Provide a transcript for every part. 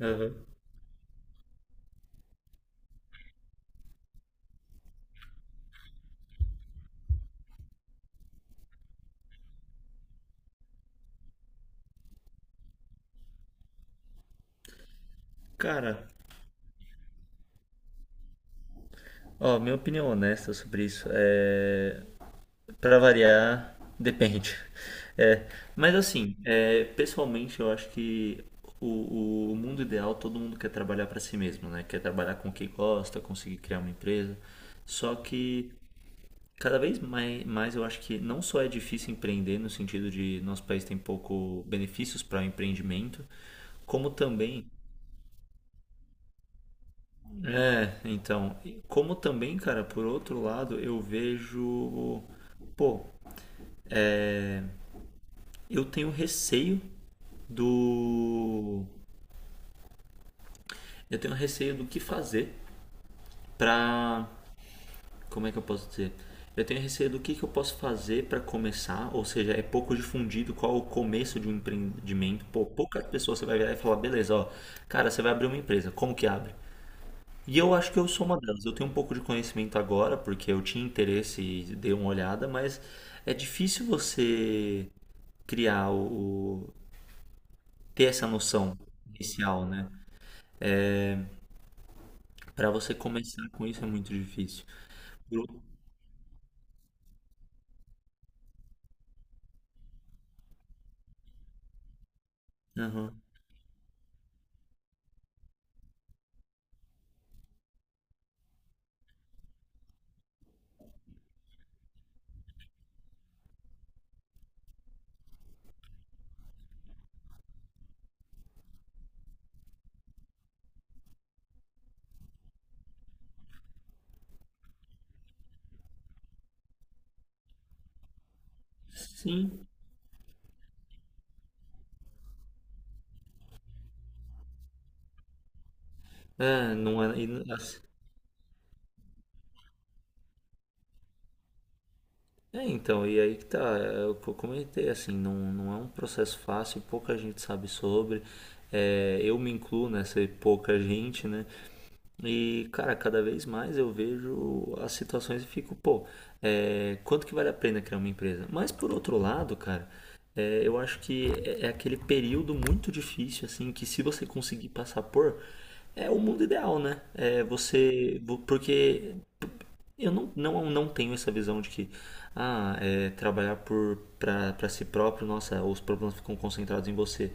Aham. Cara, ó, minha opinião honesta sobre isso é, para variar, depende. É, mas assim, é, pessoalmente eu acho que o mundo ideal todo mundo quer trabalhar para si mesmo, né? Quer trabalhar com o que gosta, conseguir criar uma empresa. Só que cada vez mais, eu acho que não só é difícil empreender no sentido de nosso país tem pouco benefícios para o empreendimento, como também é, então, como também, cara, por outro lado, eu vejo, pô, eu tenho receio do, eu tenho receio do que fazer pra, como é que eu posso dizer? Eu tenho receio do que eu posso fazer pra começar, ou seja, é pouco difundido qual o começo de um empreendimento. Pô, pouca pessoa você vai virar e falar, beleza, ó, cara, você vai abrir uma empresa, como que abre? E eu acho que eu sou uma delas. Eu tenho um pouco de conhecimento agora, porque eu tinha interesse e dei uma olhada, mas é difícil você criar ter essa noção inicial, né? Para você começar com isso é muito difícil. Eu- Aham. Sim. É, não é, e assim, é, então, e aí que tá, é o que eu comentei, assim, não, não é um processo fácil, pouca gente sabe sobre, é, eu me incluo nessa pouca gente, né? E, cara, cada vez mais eu vejo as situações e fico, pô, é, quanto que vale a pena criar uma empresa? Mas por outro lado, cara, é, eu acho que é aquele período muito difícil, assim, que se você conseguir passar por, é o mundo ideal, né? É você, porque eu não tenho essa visão de que ah, é, trabalhar por para si próprio, nossa, os problemas ficam concentrados em você.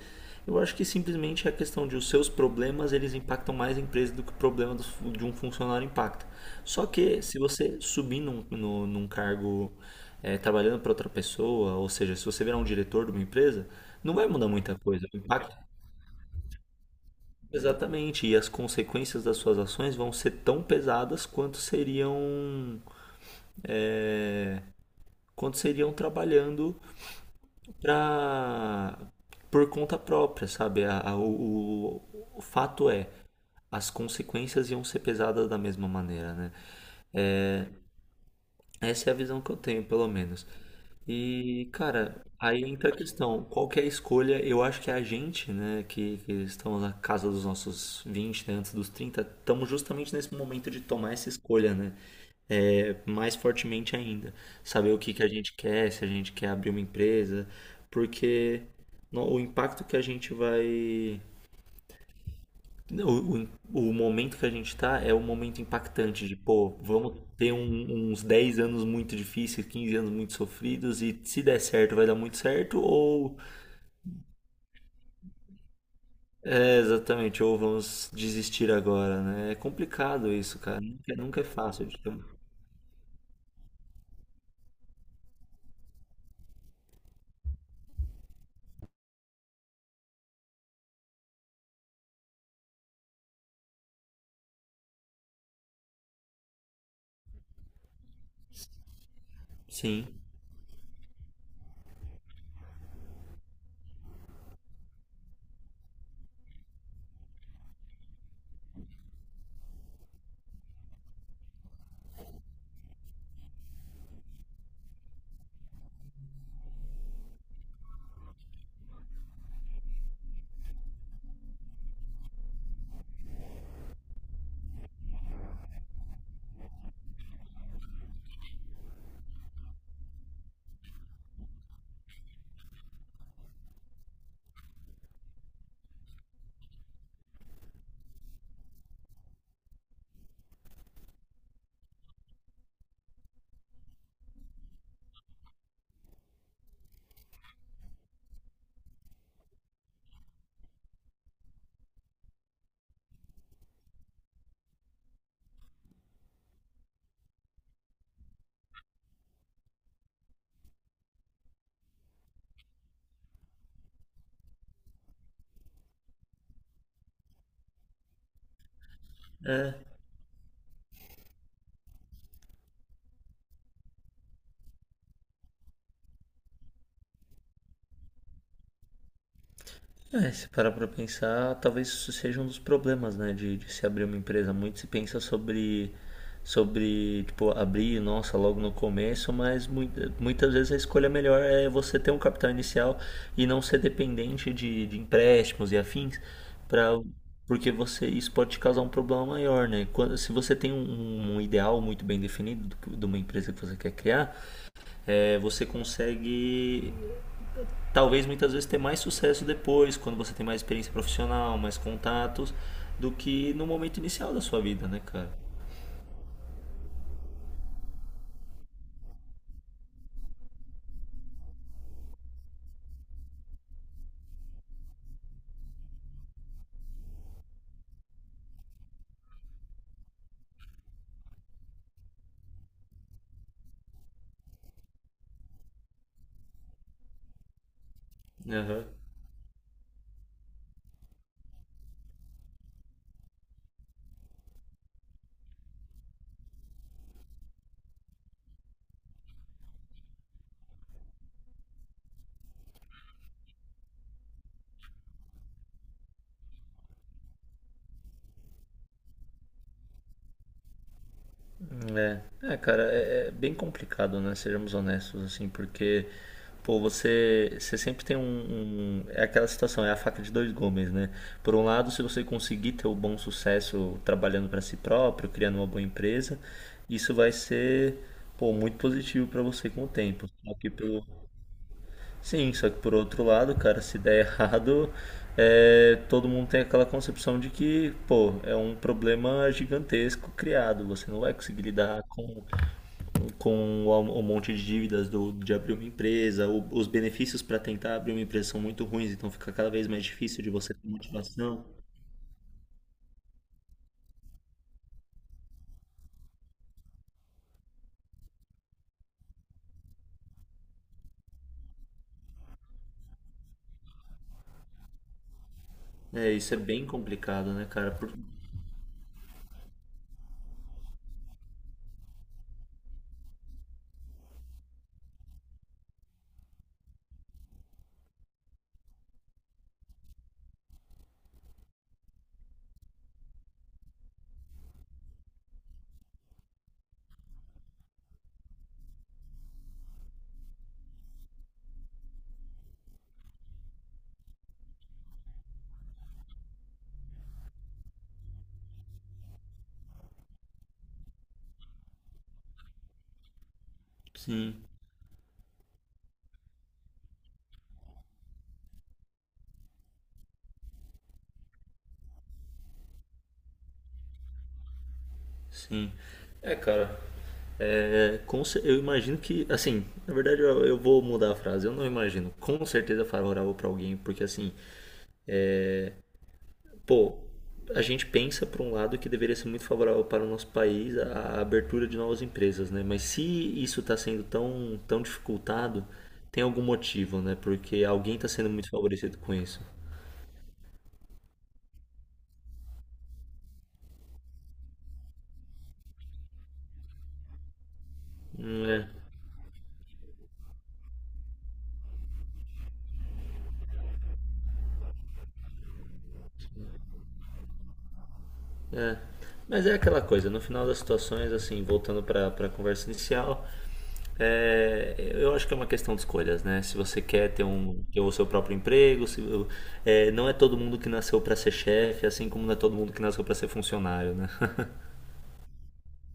Eu acho que simplesmente é a questão de os seus problemas eles impactam mais a empresa do que de um funcionário impacta. Só que se você subir num, no- num cargo é, trabalhando para outra pessoa, ou seja, se você virar um diretor de uma empresa, não vai mudar muita coisa. O impacto, exatamente, e as consequências das suas ações vão ser tão pesadas quanto seriam é, quando seriam trabalhando pra, por conta própria, sabe? O fato é, as consequências iam ser pesadas da mesma maneira, né? Essa é a visão que eu tenho, pelo menos. E, cara, aí entra a questão, qual que é a escolha? Eu acho que é a gente, né, que estamos na casa dos nossos 20, né, antes dos 30, estamos justamente nesse momento de tomar essa escolha, né? É, mais fortemente ainda. Saber o que que a gente quer, se a gente quer abrir uma empresa, porque o impacto que a gente vai. O, o momento que a gente está é um momento impactante de, pô, vamos ter uns 10 anos muito difíceis, 15 anos muito sofridos, e se der certo, vai dar muito certo, ou. É, exatamente, ou vamos desistir agora, né? É complicado isso, cara. Nunca, é, nunca é fácil. De um- Sim. É. É, se parar pra pensar, talvez isso seja um dos problemas, né, de se abrir uma empresa. Muito se pensa sobre, sobre, tipo, abrir, nossa, logo no começo, mas muitas vezes a escolha melhor é você ter um capital inicial e não ser dependente de empréstimos e afins, pra, porque você, isso pode te causar um problema maior, né? Quando, se você tem um, ideal muito bem definido do de uma empresa que você quer criar, é, você consegue talvez muitas vezes ter mais sucesso depois, quando você tem mais experiência profissional, mais contatos, do que no momento inicial da sua vida, né, cara? Uhum. É. É, cara, é, bem complicado, né? Sejamos honestos, assim, porque, pô, você, você sempre tem é aquela situação, é a faca de dois gumes, né? Por um lado, se você conseguir ter o bom sucesso trabalhando para si próprio, criando uma boa empresa, isso vai ser, pô, muito positivo para você com o tempo. Só que pelo, sim, só que por outro lado, cara, se der errado, é, todo mundo tem aquela concepção de que, pô, é um problema gigantesco criado. Você não vai conseguir lidar com o monte de dívidas do, de abrir uma empresa. O- os benefícios para tentar abrir uma empresa são muito ruins, então fica cada vez mais difícil de você ter motivação. É, isso é bem complicado, né, cara? Por- Sim, sim. É, cara. É, com eu imagino que, assim, na verdade eu vou mudar a frase. Eu não imagino com certeza é favorável para alguém, porque assim, pô, a gente pensa por um lado que deveria ser muito favorável para o nosso país a abertura de novas empresas, né? Mas se isso está sendo tão, tão dificultado, tem algum motivo, né? Porque alguém está sendo muito favorecido com isso. É. É. Mas é aquela coisa, no final das situações, assim, voltando para a conversa inicial, é, eu acho que é uma questão de escolhas, né? Se você quer ter, um, ter o seu próprio emprego, se, é, não é todo mundo que nasceu para ser chefe, assim como não é todo mundo que nasceu para ser funcionário, né?